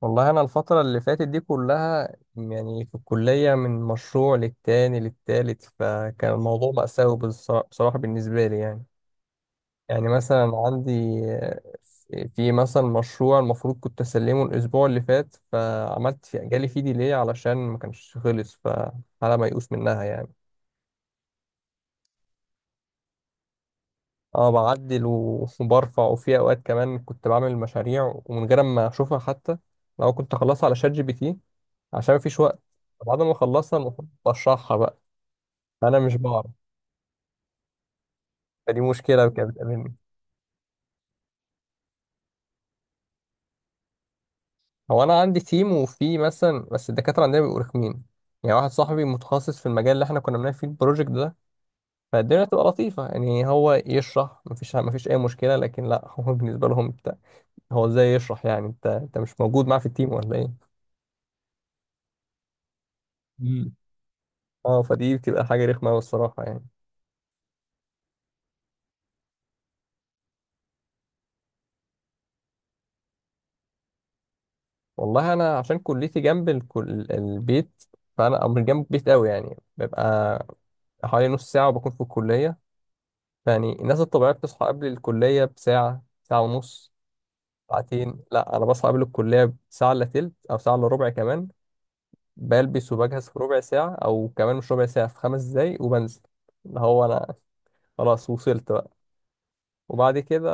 والله أنا الفترة اللي فاتت دي كلها يعني في الكلية من مشروع للتاني للتالت، فكان الموضوع مأساوي بصراحة بالنسبة لي يعني مثلا عندي آه، في مثلا مشروع المفروض كنت أسلمه الأسبوع اللي فات، فعملت في جالي فيه ديلي علشان ما كانش خلص، فحالة ميؤوس منها يعني. اه بعدل و- وبرفع، وفي أوقات كمان كنت بعمل مشاريع ومن غير ما أشوفها حتى، لو كنت أخلصها على شات جي بي تي عشان مفيش وقت. بعد ما اخلصها المفروض بشرحها بقى، انا مش بعرف، فدي مشكله كانت بتقابلني. هو انا عندي تيم، وفي مثلا بس الدكاتره عندنا بيبقوا رخمين. يعني واحد صاحبي متخصص في المجال اللي احنا كنا بنعمل فيه البروجكت ده، فالدنيا بتبقى لطيفه يعني، هو يشرح مفيش اي مشكله، لكن لا، هو بالنسبه لهم انت هو ازاي يشرح؟ يعني انت مش موجود معاه في التيم ولا ايه؟ مم. اه، فدي بتبقى حاجة رخمة أوي الصراحة يعني. والله أنا عشان كليتي جنب البيت، فأنا أو مش جنب البيت أوي يعني، ببقى حوالي نص ساعة وبكون في الكلية. يعني الناس الطبيعية بتصحى قبل الكلية بساعة، ساعة ونص، ساعتين، لا أنا بصحى قبل الكلية بساعة إلا تلت أو ساعة إلا ربع كمان. بلبس وبجهز في ربع ساعة، أو كمان مش ربع ساعة، في 5 دقايق وبنزل. اللي هو أنا خلاص وصلت بقى. وبعد كده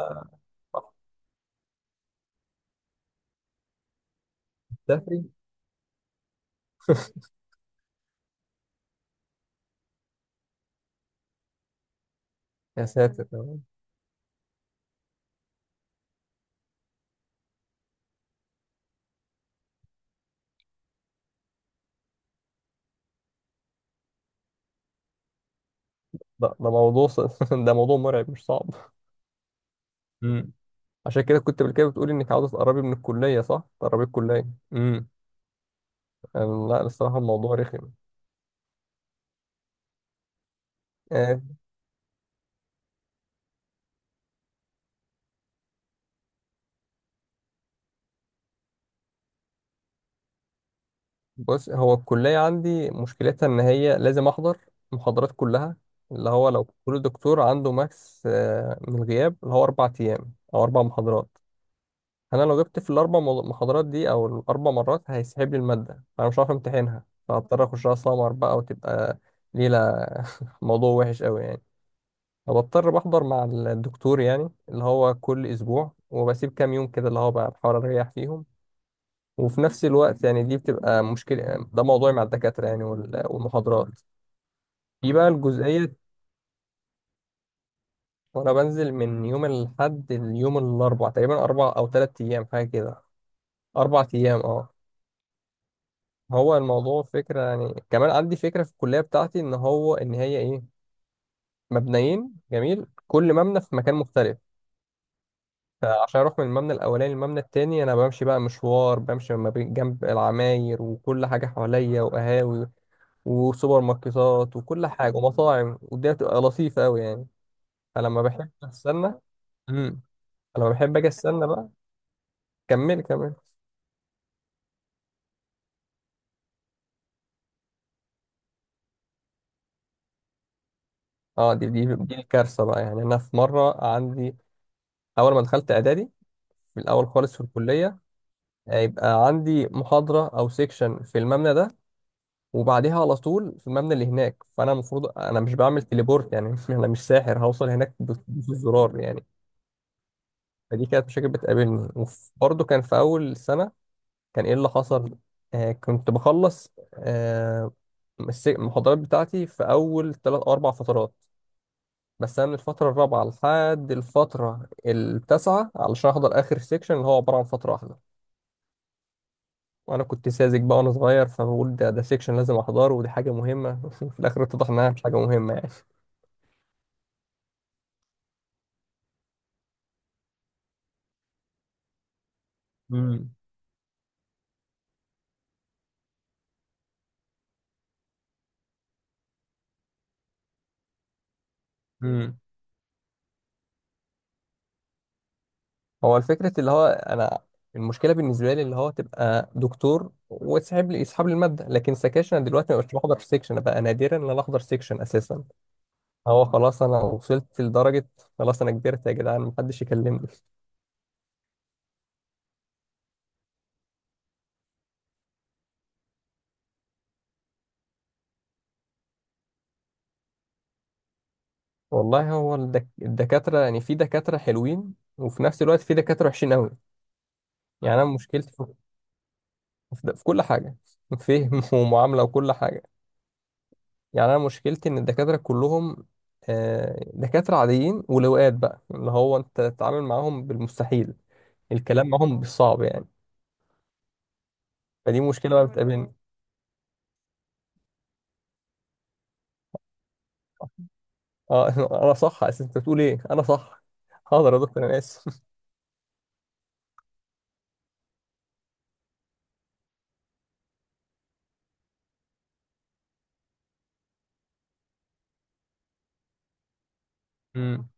باخد سفري. يا ساتر، ده موضوع ص- ده موضوع مرعب مش صعب. امم عشان كده كنت قبل كده بتقولي انك عاوزه تقربي من الكليه صح؟ تقربي الكليه. امم لا، الصراحه الموضوع رخم. آه، بص، هو الكلية عندي مشكلتها إن هي لازم أحضر محاضرات كلها، اللي هو لو كل دكتور عنده ماكس من الغياب اللي هو 4 أيام أو 4 محاضرات، أنا لو جبت في الأربع محاضرات دي أو الأربع مرات هيسحب لي المادة، فأنا مش هعرف أمتحنها، فهضطر أخشها سمر بقى، وتبقى ليلة. موضوع وحش أوي يعني. فبضطر بحضر مع الدكتور يعني، اللي هو كل أسبوع، وبسيب كام يوم كده اللي هو بقى بحاول أريح فيهم. وفي نفس الوقت يعني دي بتبقى مشكلة، ده موضوعي مع الدكاترة يعني، وال- والمحاضرات. في بقى الجزئية. وأنا بنزل من يوم الأحد ليوم الأربع تقريبا، 4 أو 3 أيام حاجة كده، 4 أيام أه. هو الموضوع فكرة يعني، كمان عندي فكرة في الكلية بتاعتي إن هو إن هي إيه، مبنيين جميل، كل مبنى في مكان مختلف. فعشان أروح من المبنى الأولاني للمبنى التاني أنا بمشي بقى مشوار، بمشي ما بين جنب العماير وكل حاجة حواليا، وقهاوي وسوبر ماركتات وكل حاجة ومطاعم، والدنيا بتبقى لطيفة أوي يعني. فلما بحب أستنى امم فلما بحب أجي أستنى بقى. كمل كمل. اه، دي الكارثة بقى يعني. أنا في مرة عندي أول ما دخلت إعدادي، في الأول خالص في الكلية، هيبقى عندي محاضرة أو سيكشن في المبنى ده، وبعديها على طول في المبنى اللي هناك، فأنا المفروض، أنا مش بعمل تليبورت يعني، أنا مش ساحر هوصل هناك بدوس الزرار يعني. فدي كانت مشاكل بتقابلني. وبرضه كان في أول سنة، كان ايه اللي حصل؟ كنت بخلص المحاضرات بتاعتي في اول 3 أو 4 فترات. بس انا من الفتره الرابعه لحد الفتره التاسعه علشان احضر اخر سيكشن، اللي هو عباره عن فتره واحده. وانا كنت ساذج بقى وانا صغير، فبقول ده سيكشن لازم احضره ودي حاجه مهمه. في الاخر اتضح انها مش حاجه مهمه يعني. مم. مم. هو الفكرة اللي هو أنا، المشكلة بالنسبة لي اللي هو تبقى دكتور وتسحب لي، يسحب لي المادة، لكن سكاشن أنا دلوقتي ما بقتش بحضر سيكشن، أنا بقى نادرا إن أنا أحضر سيكشن أساسا. هو خلاص أنا وصلت لدرجة، خلاص أنا كبرت يا جدعان محدش يكلمني. والله هو الدكاترة يعني، في دكاترة حلوين وفي نفس الوقت في دكاترة وحشين أوي. يعني أنا مشكلتي في كل حاجة. فهم ومعاملة وكل حاجة. يعني انا مشكلتي ان الدكاتره كلهم دكاتره عاديين ولواءات بقى، اللي هو انت تتعامل معاهم بالمستحيل، الكلام معاهم بالصعب يعني. فدي مشكله بقى بتقابلني. اه. انا صح اساسا، انت بتقول ايه، انا صح. حاضر يا دكتور انا اسف. مم.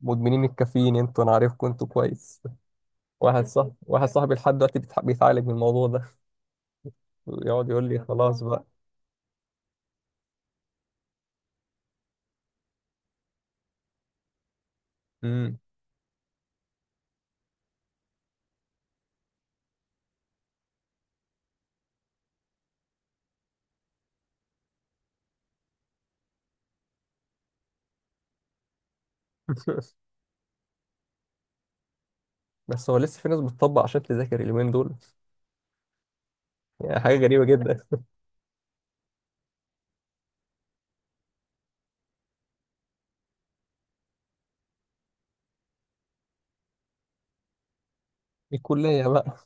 مدمنين الكافيين انتوا، انا عارفكم انتوا كويس. واحد صاحبي لحد دلوقتي بيتعالج من الموضوع ده. يقعد يقول لي خلاص بقى. مم. بس هو لسه في ناس بتطبق عشان تذاكر اليومين دول، يعني حاجه غريبه جدا. الكليه بقى.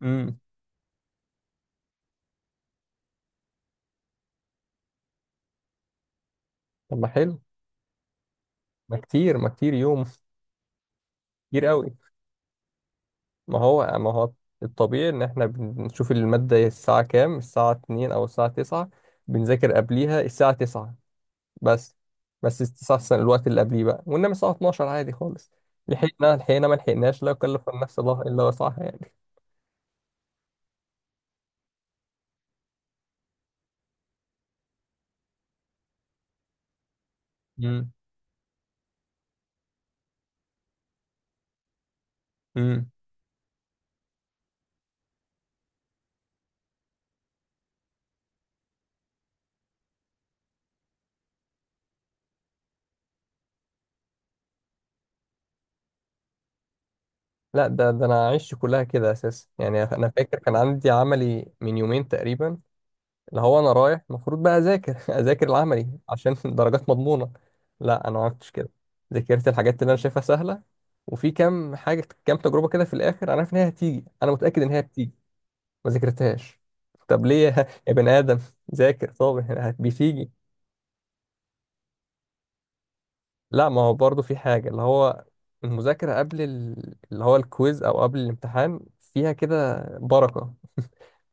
امم طب ما حلو، ما كتير ما كتير يوم، كتير قوي. ما هو الطبيعي ان احنا بنشوف المادة الساعة كام؟ الساعة 2 او الساعة 9، بنذاكر قبليها الساعة 9 بس بس استحسن الوقت اللي قبليه بقى، وانما الساعة 12 عادي خالص. لحقنا لحقنا، ما لحقناش، لا يكلف النفس الله الا وسعها يعني. امم امم لا، ده انا عشت كلها كده اساسا. يعني انا فاكر كان عندي عملي من يومين تقريبا، اللي هو انا رايح المفروض بقى اذاكر، اذاكر العملي عشان الدرجات مضمونه. لا انا ما عملتش كده، ذاكرت الحاجات اللي انا شايفها سهله، وفي كام حاجه كام تجربه كده في الاخر انا عارف ان هي هتيجي، انا متاكد ان هي هتيجي، ما ذاكرتهاش. طب ليه يا بني ادم؟ ذاكر طب، بتيجي. لا، ما هو برضه في حاجه، اللي هو المذاكره قبل اللي هو الكويز او قبل الامتحان فيها كده بركه.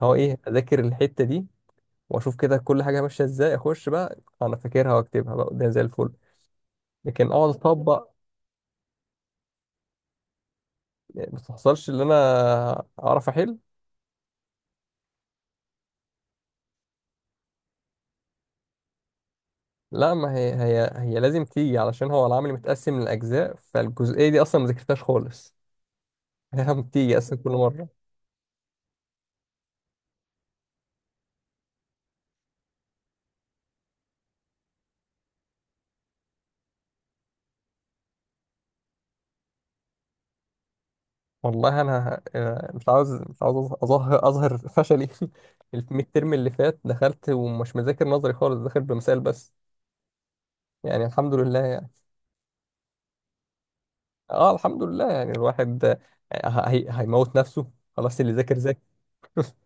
هو ايه، اذاكر الحته دي، واشوف كده كل حاجه ماشيه ازاي، اخش بقى انا فاكرها واكتبها بقى قدام زي الفل. لكن اقعد اطبق، ما تحصلش ان انا اعرف احل. لا، ما هي لازم تيجي، علشان هو العمل متقسم لاجزاء، فالجزئيه دي اصلا ما ذاكرتهاش خالص. هي بتيجي اصلا كل مره. والله انا مش عاوز اظهر فشلي. الميد ترم اللي فات دخلت ومش مذاكر نظري خالص، داخل بمثال بس. يعني الحمد لله يعني. اه الحمد لله يعني، الواحد هي هيموت نفسه، خلاص اللي ذاكر ذاكر.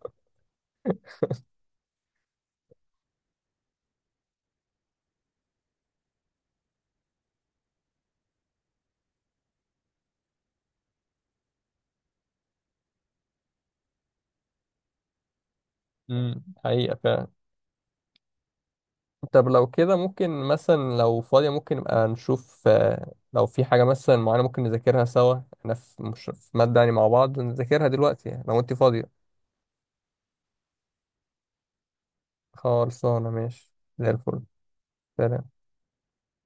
حقيقة. طب لو كده ممكن مثلا لو فاضية ممكن نبقى نشوف لو في حاجة مثلا معينة ممكن نذاكرها سوا، احنا مش في مادة يعني، مع بعض نذاكرها دلوقتي يعني، لو انت فاضية. خلصانة ماشي. زي الفل. سلام.